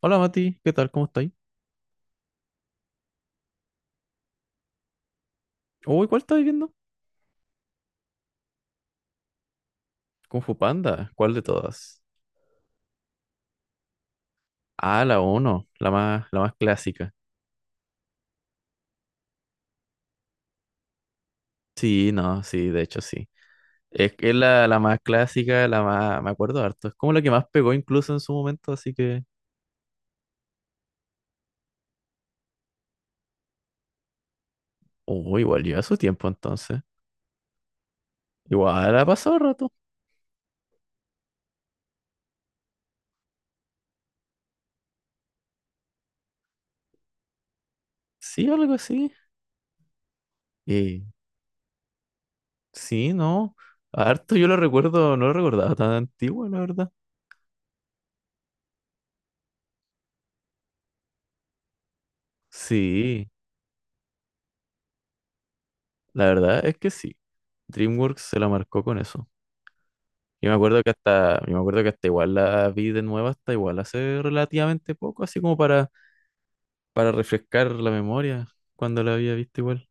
Hola Mati, ¿qué tal? ¿Cómo estáis? Uy, ¿cuál estáis viendo? Kung Fu Panda, ¿cuál de todas? Ah, la uno, la más clásica. Sí, no, sí, de hecho sí. Es que es la más clásica, me acuerdo harto. Es como la que más pegó incluso en su momento, así que. Oh, igual lleva su tiempo entonces. Igual ha pasado rato. Sí, algo así. Y sí, no. Harto yo lo recuerdo, no lo recordaba tan antiguo, la verdad. Sí, la verdad es que sí. DreamWorks se la marcó con eso. Yo me acuerdo que hasta, yo me acuerdo que hasta igual la vi de nuevo, hasta igual hace relativamente poco, así como para refrescar la memoria cuando la había visto igual.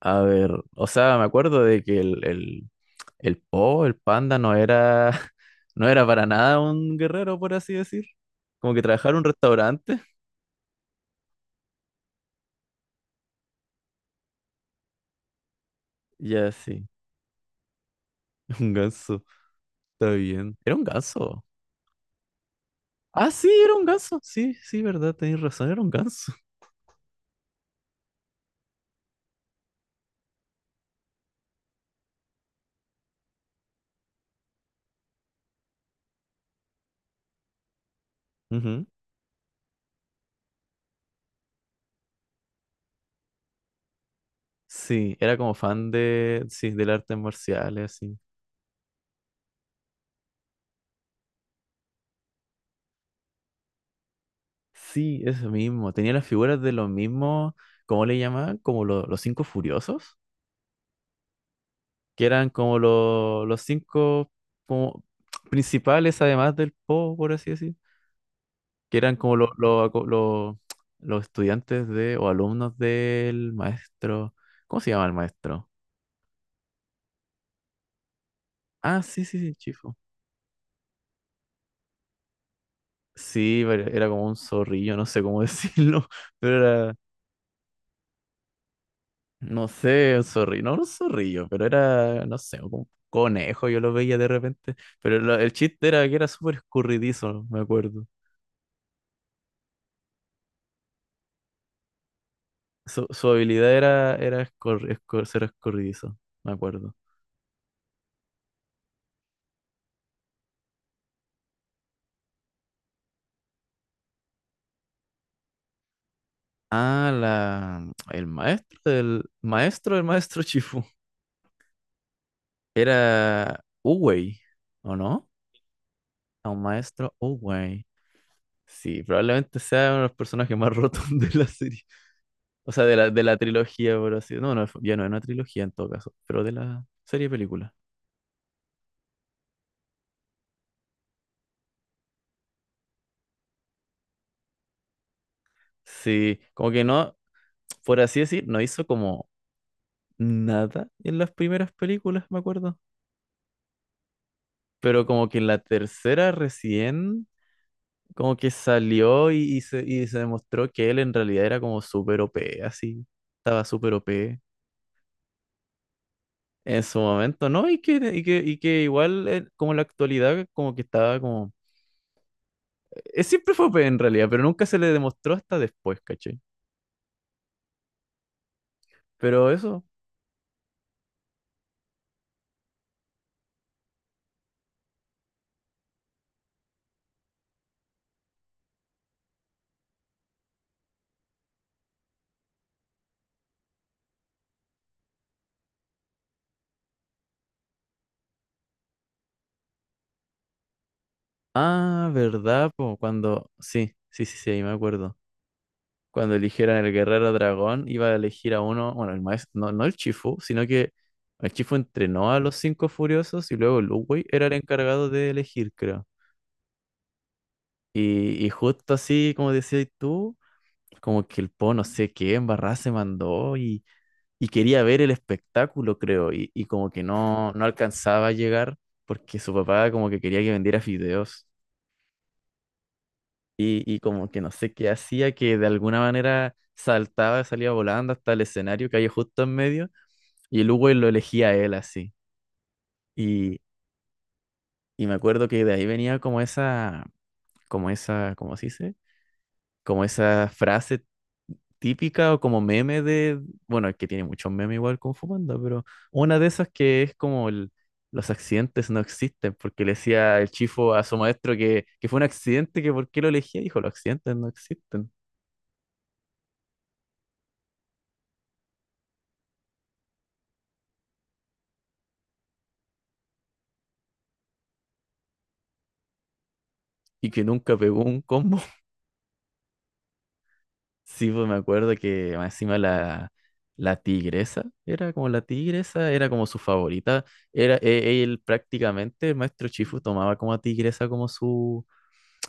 A ver, o sea, me acuerdo de que el Po, el panda, no era, no era para nada un guerrero, por así decir. Como que trabajaba en un restaurante. Ya, sí, un ganso, está bien. Era un ganso. Ah, sí, era un ganso. Sí, sí, verdad, tenéis razón, era un ganso. Ujú. Sí, era como fan de, sí, del arte marcial, así. Sí, eso mismo. Tenía las figuras de los mismos, ¿cómo le llamaban? Como los cinco furiosos, que eran como los cinco como principales, además del Po, por así decir, que eran como los estudiantes de o alumnos del maestro. ¿Cómo se llama el maestro? Ah, sí, sí, sí, Chifo. Sí, pero era como un zorrillo, no sé cómo decirlo, pero era, no sé, un zorrillo, no un zorrillo, pero era, no sé, un conejo, yo lo veía de repente. Pero el chiste era que era súper escurridizo, me acuerdo. Su habilidad era ser escurridizo, me acuerdo. Ah, el maestro del maestro del maestro Chifu era Uwei, ¿o no? A un maestro Uwei. Sí, probablemente sea uno de los personajes más rotos de la serie. O sea, de la trilogía, por así, no, no, ya no es una trilogía en todo caso, pero de la serie de películas. Sí, como que no, por así decir, no hizo como nada en las primeras películas, me acuerdo. Pero como que en la tercera recién, como que salió y se demostró que él en realidad era como súper OP, así. Estaba súper OP en su momento, ¿no? Y que igual, como en la actualidad, como que estaba como. Siempre fue OP en realidad, pero nunca se le demostró hasta después, ¿cachai? Pero eso. Ah, ¿verdad, po? Cuando, sí, sí, sí, sí, ahí me acuerdo. Cuando eligieran el guerrero dragón, iba a elegir a uno. Bueno, el maestro. No, no el Chifu, sino que el Chifu entrenó a los cinco furiosos y luego Lu Wei era el encargado de elegir, creo. Y justo así, como decías tú, como que el Po no sé qué embarrada se mandó y quería ver el espectáculo, creo. Y como que no alcanzaba a llegar porque su papá como que quería que vendiera fideos. Y como que no sé qué hacía, que de alguna manera saltaba, salía volando hasta el escenario que hay justo en medio, y el Hugo lo elegía a él así. Y, y me acuerdo que de ahí venía como esa, ¿cómo se dice? Como esa frase típica o como meme de, bueno, es que tiene muchos memes igual con Fumanda, pero una de esas que es como el, los accidentes no existen, porque le decía el chifo a su maestro que, fue un accidente, que por qué lo elegía, dijo, los accidentes no existen, y que nunca pegó un combo. Sí, pues me acuerdo que más encima la tigresa, era como la tigresa, era como su favorita. Él prácticamente, el maestro Chifu tomaba como a tigresa como su,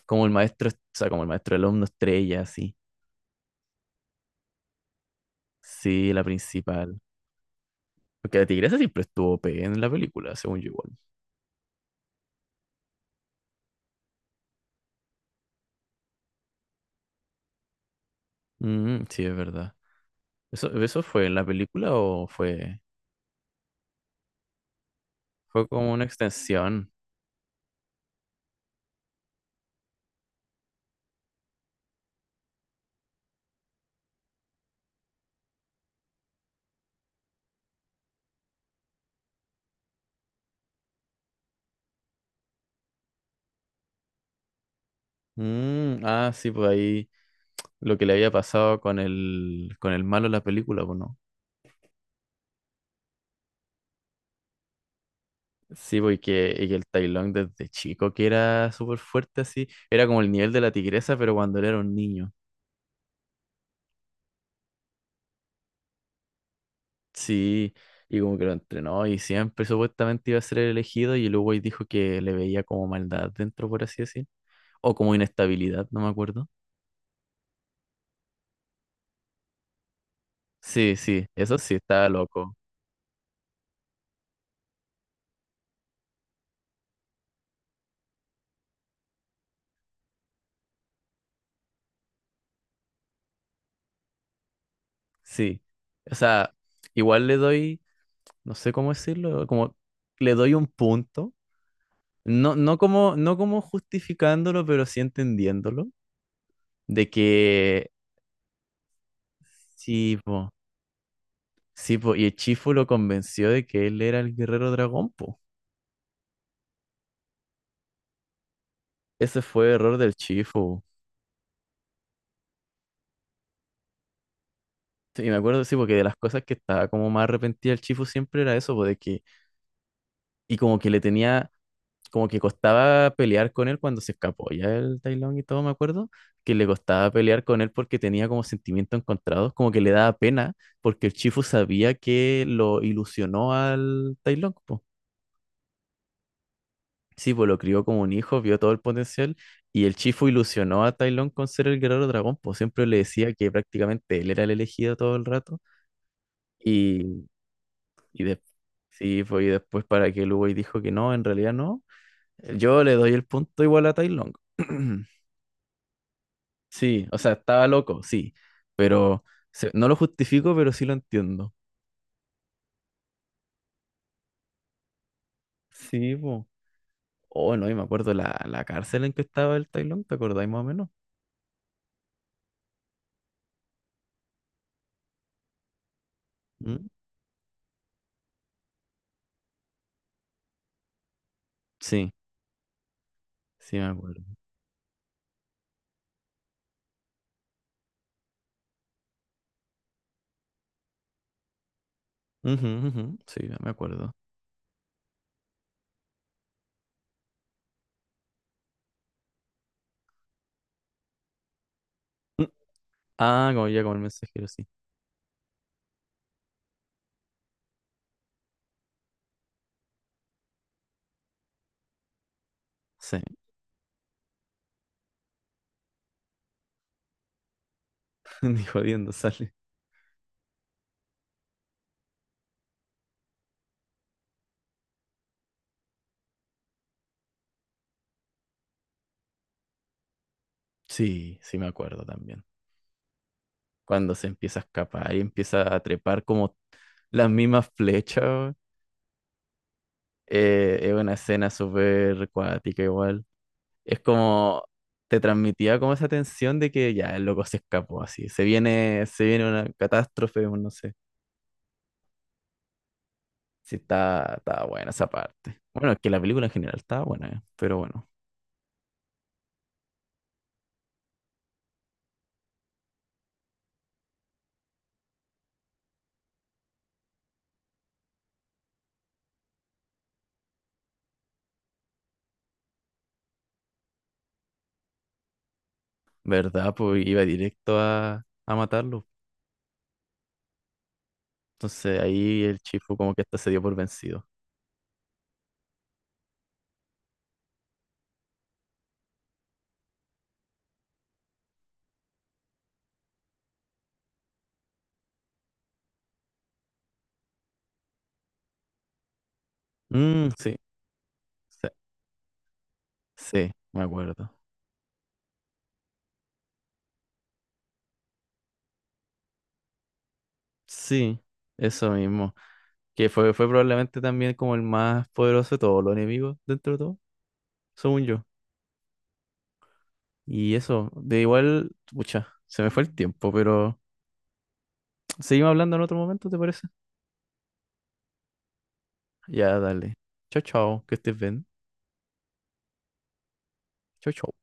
como el maestro, o sea, como el maestro alumno estrella, así. Sí, la principal. Porque la tigresa siempre estuvo OP en la película, según yo igual. Mm, sí, es verdad. ¿Eso fue en la película o fue como una extensión? Mm, ah, sí, pues ahí lo que le había pasado con el malo en la película, pues no. Sí, porque el Tailón desde chico que era súper fuerte así, era como el nivel de la tigresa, pero cuando él era un niño. Sí, y como que lo entrenó y siempre supuestamente iba a ser el elegido y luego ahí dijo que le veía como maldad dentro, por así decir, o como inestabilidad, no me acuerdo. Sí, sí, eso sí, estaba loco. Sí, o sea, igual le doy, no sé cómo decirlo, como le doy un punto, no, no como justificándolo, pero sí entendiéndolo de que. Sí, po. Sí, po. Y el Chifu lo convenció de que él era el guerrero dragón, po. Ese fue error del Chifu. Sí, y me acuerdo, sí, porque de las cosas que estaba como más arrepentida el Chifu siempre era eso, po, de que. Y como que le tenía. Como que costaba pelear con él cuando se escapó ya el Tai Lung y todo, me acuerdo. Que le costaba pelear con él porque tenía como sentimientos encontrados, como que le daba pena, porque el Chifu sabía que lo ilusionó al Tai Lung, po. Sí, pues lo crió como un hijo, vio todo el potencial y el Chifu ilusionó a Tai Lung con ser el guerrero dragón, pues siempre le decía que prácticamente él era el elegido todo el rato y, y de- sí, pues y después para que Lugo dijo que no, en realidad no, yo le doy el punto igual a Tai Lung. Sí, o sea, estaba loco, sí, pero no lo justifico, pero sí lo entiendo. Sí, pues. Oh, no, y me acuerdo la cárcel en que estaba el Tai Lung, ¿te acordáis más o menos? ¿Mm? Sí, sí me acuerdo. Ujú, ujú, sí, ya me acuerdo. Mm, ah, como ya como el mensajero, sí. Sí, ni jodiendo sale. Sí, sí me acuerdo también. Cuando se empieza a escapar y empieza a trepar como las mismas flechas, weón. Es una escena súper cuática igual. Es como, te transmitía como esa tensión de que ya el loco se escapó así. Se viene una catástrofe, o no sé. Sí, está buena esa parte. Bueno, es que la película en general está buena, pero bueno. ¿Verdad? Pues iba directo a matarlo. Entonces ahí el Chifu como que hasta se dio por vencido. Mm, sí, sí, sí, me acuerdo. Sí, eso mismo. Que fue probablemente también como el más poderoso de todos los enemigos dentro de todo, según yo. Y eso, de igual, pucha, se me fue el tiempo, pero seguimos hablando en otro momento, ¿te parece? Ya, dale. Chao, chao, que estés bien. Chao, chao.